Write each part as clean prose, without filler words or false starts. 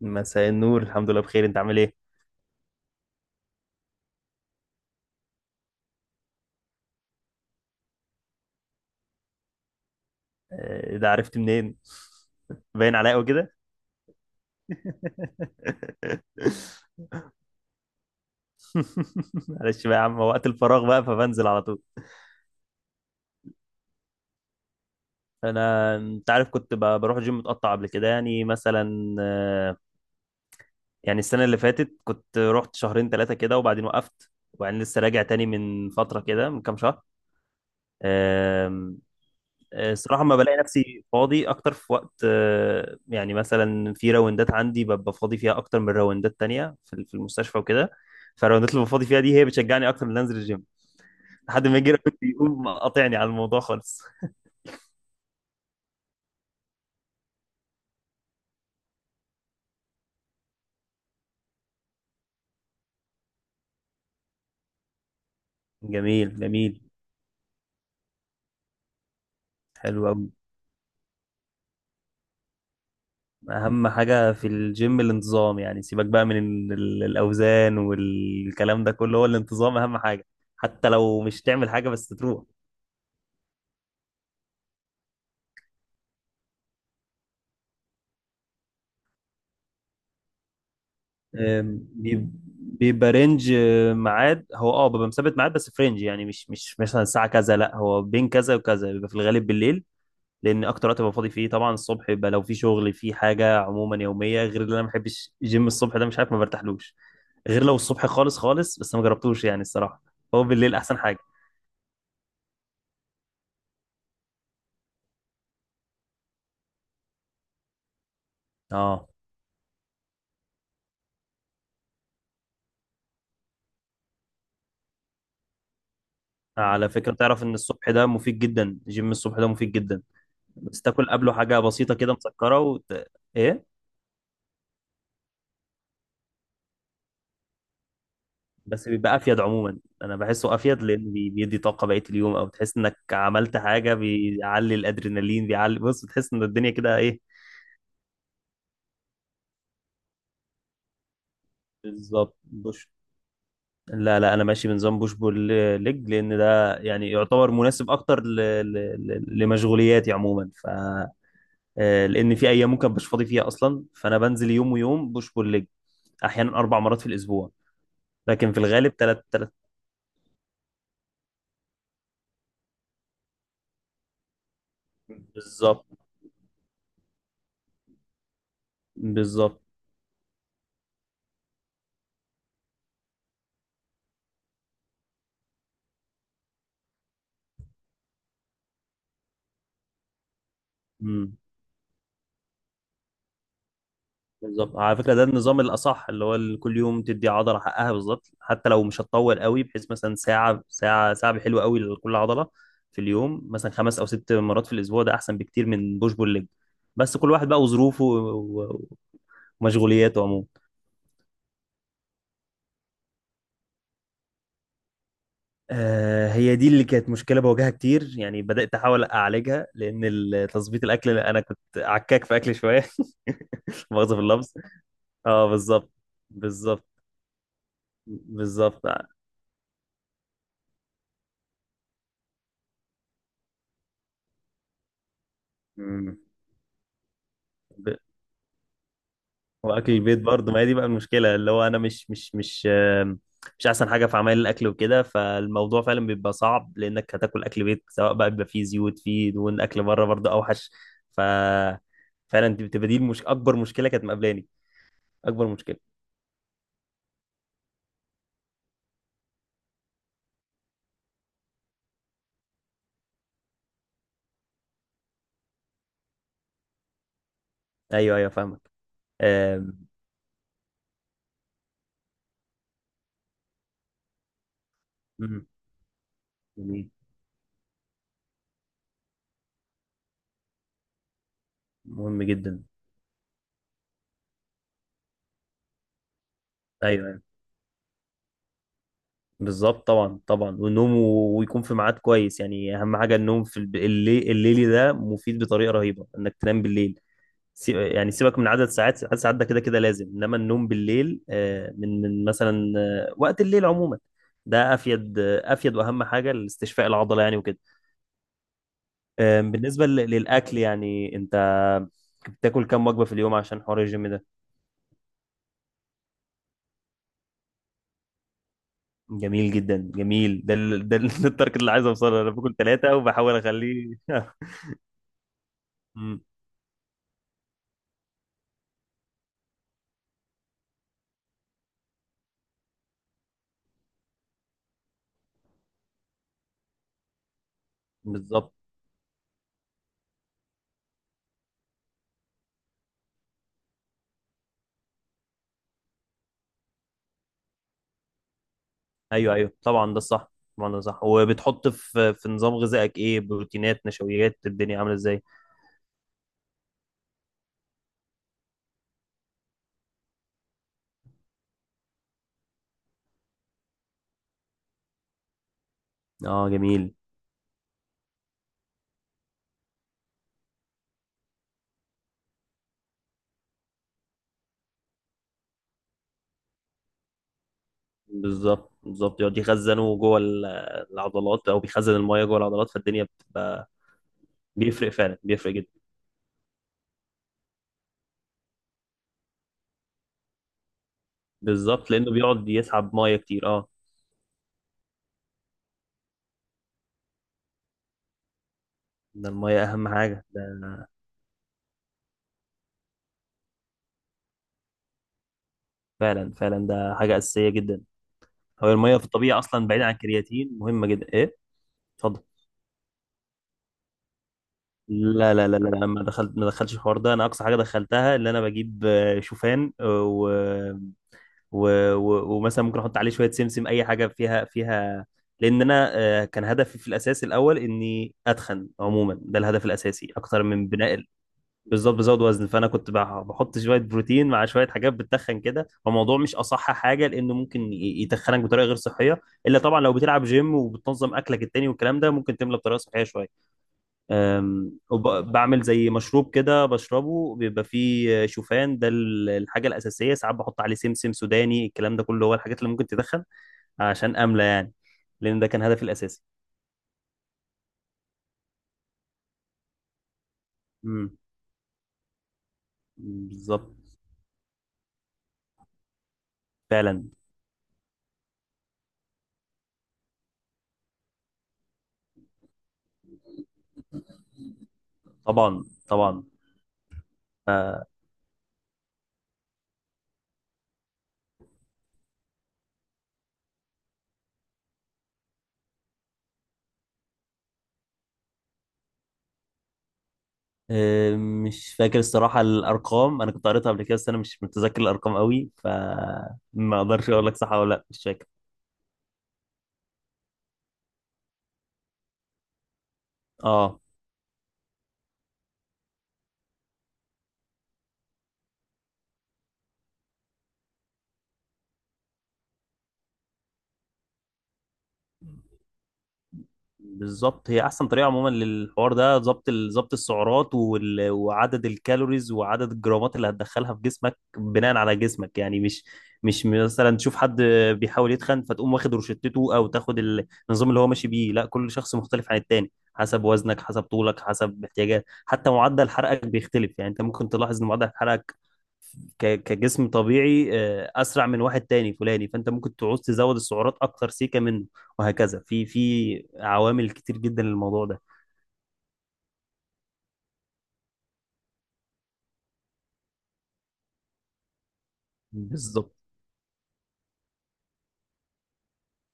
مساء النور، الحمد لله بخير. انت عامل ايه؟ ده عرفت منين؟ باين عليا قوي كده. معلش بقى يا عم، وقت الفراغ بقى فبنزل على طول. انا انت عارف كنت بروح جيم متقطع قبل كده، يعني مثلا يعني السنه اللي فاتت كنت رحت شهرين ثلاثه كده، وبعدين وقفت، وبعدين لسه راجع تاني من فتره كده، من كام شهر. الصراحة ما بلاقي نفسي فاضي أكتر في وقت، يعني مثلا في راوندات عندي ببقى فاضي فيها أكتر من راوندات تانية في في المستشفى وكده، فالراوندات اللي ببقى فاضي فيها دي هي بتشجعني أكتر من أنزل الجيم، لحد ما يجي راجل يقوم قاطعني على الموضوع خالص. جميل جميل. حلو أوي. أهم حاجة في الجيم الانتظام، يعني سيبك بقى من الأوزان والكلام ده كله، هو الانتظام أهم حاجة، حتى لو مش تعمل حاجة بس تروح. آم، بيب- بيبقى رينج، ميعاد، هو ببقى مثبت ميعاد بس في رينج، يعني مش مثلا الساعه كذا، لا هو بين كذا وكذا، بيبقى في الغالب بالليل، لان اكتر وقت ببقى فاضي فيه. طبعا الصبح يبقى لو في شغل في حاجه عموما يوميه، غير اللي انا ما بحبش جيم الصبح ده، مش عارف، ما برتاحلوش، غير لو الصبح خالص خالص، بس ما جربتوش يعني الصراحه. هو بالليل احسن حاجه. اه، على فكره تعرف ان الصبح ده مفيد جدا، جيم الصبح ده مفيد جدا، بس تاكل قبله حاجه بسيطه كده مسكره ايه. بس بيبقى افيد عموما، انا بحسه افيد، لان بيدي طاقه بقيه اليوم، او تحس انك عملت حاجه، بيعلي الادرينالين، بيعلي، بص، بتحس ان الدنيا كده ايه. بالظبط، بوش. لا لا، انا ماشي بنظام بوش بول ليج، لان ده يعني يعتبر مناسب اكتر لمشغولياتي عموما. ف آه، لان في ايام ممكن مش فاضي فيها اصلا، فانا بنزل يوم ويوم بوش بول ليج. احيانا 4 مرات في الاسبوع، لكن في الغالب ثلاث. بالظبط، بالظبط، بالظبط. على فكره ده النظام الاصح، اللي هو كل يوم تدي عضله حقها بالظبط، حتى لو مش هتطول قوي، بحيث مثلا ساعه ساعه، ساعه حلوه قوي لكل عضله في اليوم، مثلا 5 أو 6 مرات في الاسبوع، ده احسن بكتير من بوش بول ليج، بس كل واحد بقى وظروفه ومشغولياته عموما. آه، هي دي اللي كانت مشكله بواجهها كتير، يعني بدات احاول اعالجها، لان تظبيط الاكل، انا كنت عكاك في اكل شويه. مؤاخذه في اللفظ. اه بالظبط، بالظبط، بالظبط. مم. واكل البيت برضه، ما هي دي بقى المشكله، اللي هو انا مش احسن حاجه في عمل الاكل وكده، فالموضوع فعلا بيبقى صعب، لانك هتاكل اكل بيت سواء بقى، بيبقى فيه زيوت، فيه دهون، اكل بره برضه اوحش. ف فعلا دي بتبقى، دي اكبر مشكله كانت مقابلاني. اكبر مشكله. ايوه ايوه فاهمك. آم، مم، جميل. مهم جدا. ايوه ايوه، بالظبط طبعا، طبعا، والنوم ويكون في ميعاد كويس، يعني اهم حاجه النوم في الليل، الليلي ده مفيد بطريقه رهيبه انك تنام بالليل. يعني سيبك من عدد ساعات، عدد ساعات ده كده كده لازم، انما النوم بالليل من مثلا وقت الليل عموما ده افيد، افيد، واهم حاجه لاستشفاء العضله يعني وكده. بالنسبه للاكل يعني، انت بتاكل كام وجبه في اليوم عشان حوار الجيم ده؟ جميل جدا، جميل، التارجت اللي عايز اوصله، انا باكل ثلاثه وبحاول اخليه. مم، بالظبط. ايوه ايوه طبعا، ده الصح. طبعا ده صح. وبتحط في نظام غذائك ايه؟ بروتينات، نشويات، الدنيا عامله ازاي؟ اه جميل. بالظبط بالظبط، يقعد يخزنه جوه العضلات، او بيخزن المايه جوه العضلات، فالدنيا بتبقى بيفرق فعلا، بيفرق جدا. بالظبط، لانه بيقعد يسحب مايه كتير. اه، ده المايه اهم حاجه ده. فعلا فعلا، ده حاجه اساسيه جدا. هو المايه في الطبيعه اصلا، بعيد عن الكرياتين، مهمه جدا، ايه. اتفضل. لا لا لا لا لا، ما دخلتش الحوار ده، انا اقصى حاجه دخلتها اللي انا بجيب شوفان، و... ومثلا ممكن احط عليه شويه سمسم، اي حاجه فيها، لان انا كان هدفي في الاساس الاول اني اتخن عموما، ده الهدف الاساسي اكتر من بناء بالظبط. بزود وزن، فانا كنت بحط شويه بروتين مع شويه حاجات بتتخن كده، فالموضوع مش اصح حاجه، لانه ممكن يتخنك بطريقه غير صحيه، الا طبعا لو بتلعب جيم وبتنظم اكلك التاني والكلام ده، ممكن تملى بطريقه صحيه شويه. وبعمل زي مشروب كده بشربه، بيبقى فيه شوفان، ده الحاجة الأساسية. ساعات بحط عليه سمسم، سوداني، الكلام ده كله هو الحاجات اللي ممكن تدخن، عشان أملى يعني، لأن ده كان هدفي الأساسي. امم، بالظبط. فعلا، طبعا طبعا. ف- أم، مش فاكر الصراحة الأرقام، أنا كنت قريتها قبل كده، بس أنا مش متذكر الأرقام قوي، فما أقدرش أقول لك صح ولا لأ، مش فاكر. اه بالظبط، هي احسن طريقه عموما للحوار ده، ضبط ضبط السعرات وعدد الكالوريز وعدد الجرامات اللي هتدخلها في جسمك بناء على جسمك، يعني مش مثلا تشوف حد بيحاول يتخن فتقوم واخد روشتته او تاخد النظام اللي هو ماشي بيه، لا كل شخص مختلف عن التاني، حسب وزنك، حسب طولك، حسب احتياجات، حتى معدل حرقك بيختلف، يعني انت ممكن تلاحظ ان معدل حرقك كجسم طبيعي اسرع من واحد تاني فلاني، فانت ممكن تعوز تزود السعرات اكتر سيكه منه وهكذا. في عوامل كتير جدا للموضوع ده. بالظبط.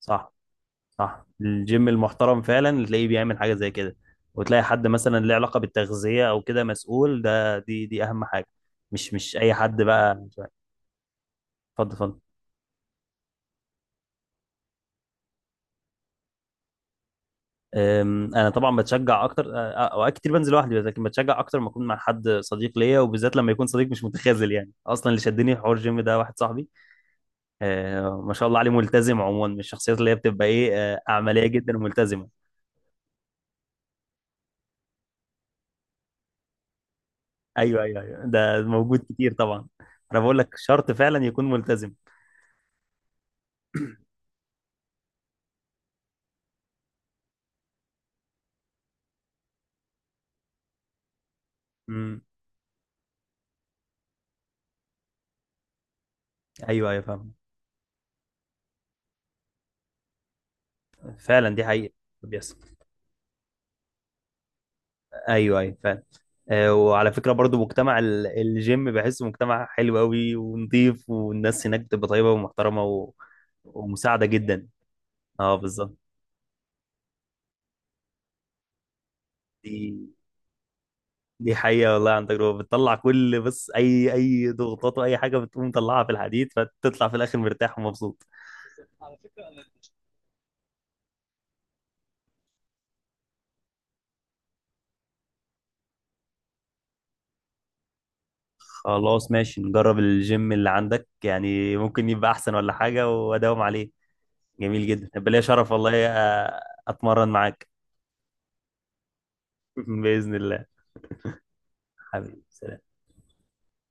صح، صح، الجيم المحترم فعلا تلاقيه بيعمل حاجه زي كده، وتلاقي حد مثلا له علاقه بالتغذيه او كده مسؤول، ده دي اهم حاجه، مش اي حد بقى. اتفضل. اتفضل. انا طبعا بتشجع اكتر، أه، آه، اوقات كتير بنزل لوحدي بس، لكن بتشجع اكتر ما اكون مع حد صديق ليا، وبالذات لما يكون صديق مش متخاذل، يعني اصلا اللي شدني في حوار الجيم ده واحد صاحبي، ما شاء الله عليه، ملتزم عموما، من الشخصيات اللي هي بتبقى ايه، عمليه جدا وملتزمه. ايوه ايوه ايوه، ده موجود كتير طبعا. انا بقول لك شرط فعلا يكون ملتزم. امم. ايوه ايوه فاهم، فعلا دي حقيقه، بيحصل. ايوه ايوه فعلا. وعلى فكره برضو، مجتمع الجيم بحسه مجتمع حلو قوي ونضيف، والناس هناك بتبقى طيبه ومحترمه ومساعده جدا. اه بالظبط، دي دي حقيقة والله، عن تجربة بتطلع كل، بس أي أي ضغوطات وأي حاجة بتقوم مطلعها في الحديد، فتطلع في الآخر مرتاح ومبسوط. خلاص ماشي، نجرب الجيم اللي عندك، يعني ممكن يبقى أحسن ولا حاجة وأداوم عليه. جميل جدا، هيبقى ليا شرف والله، أ- أتمرن معاك. بإذن الله. حبيبي سلام.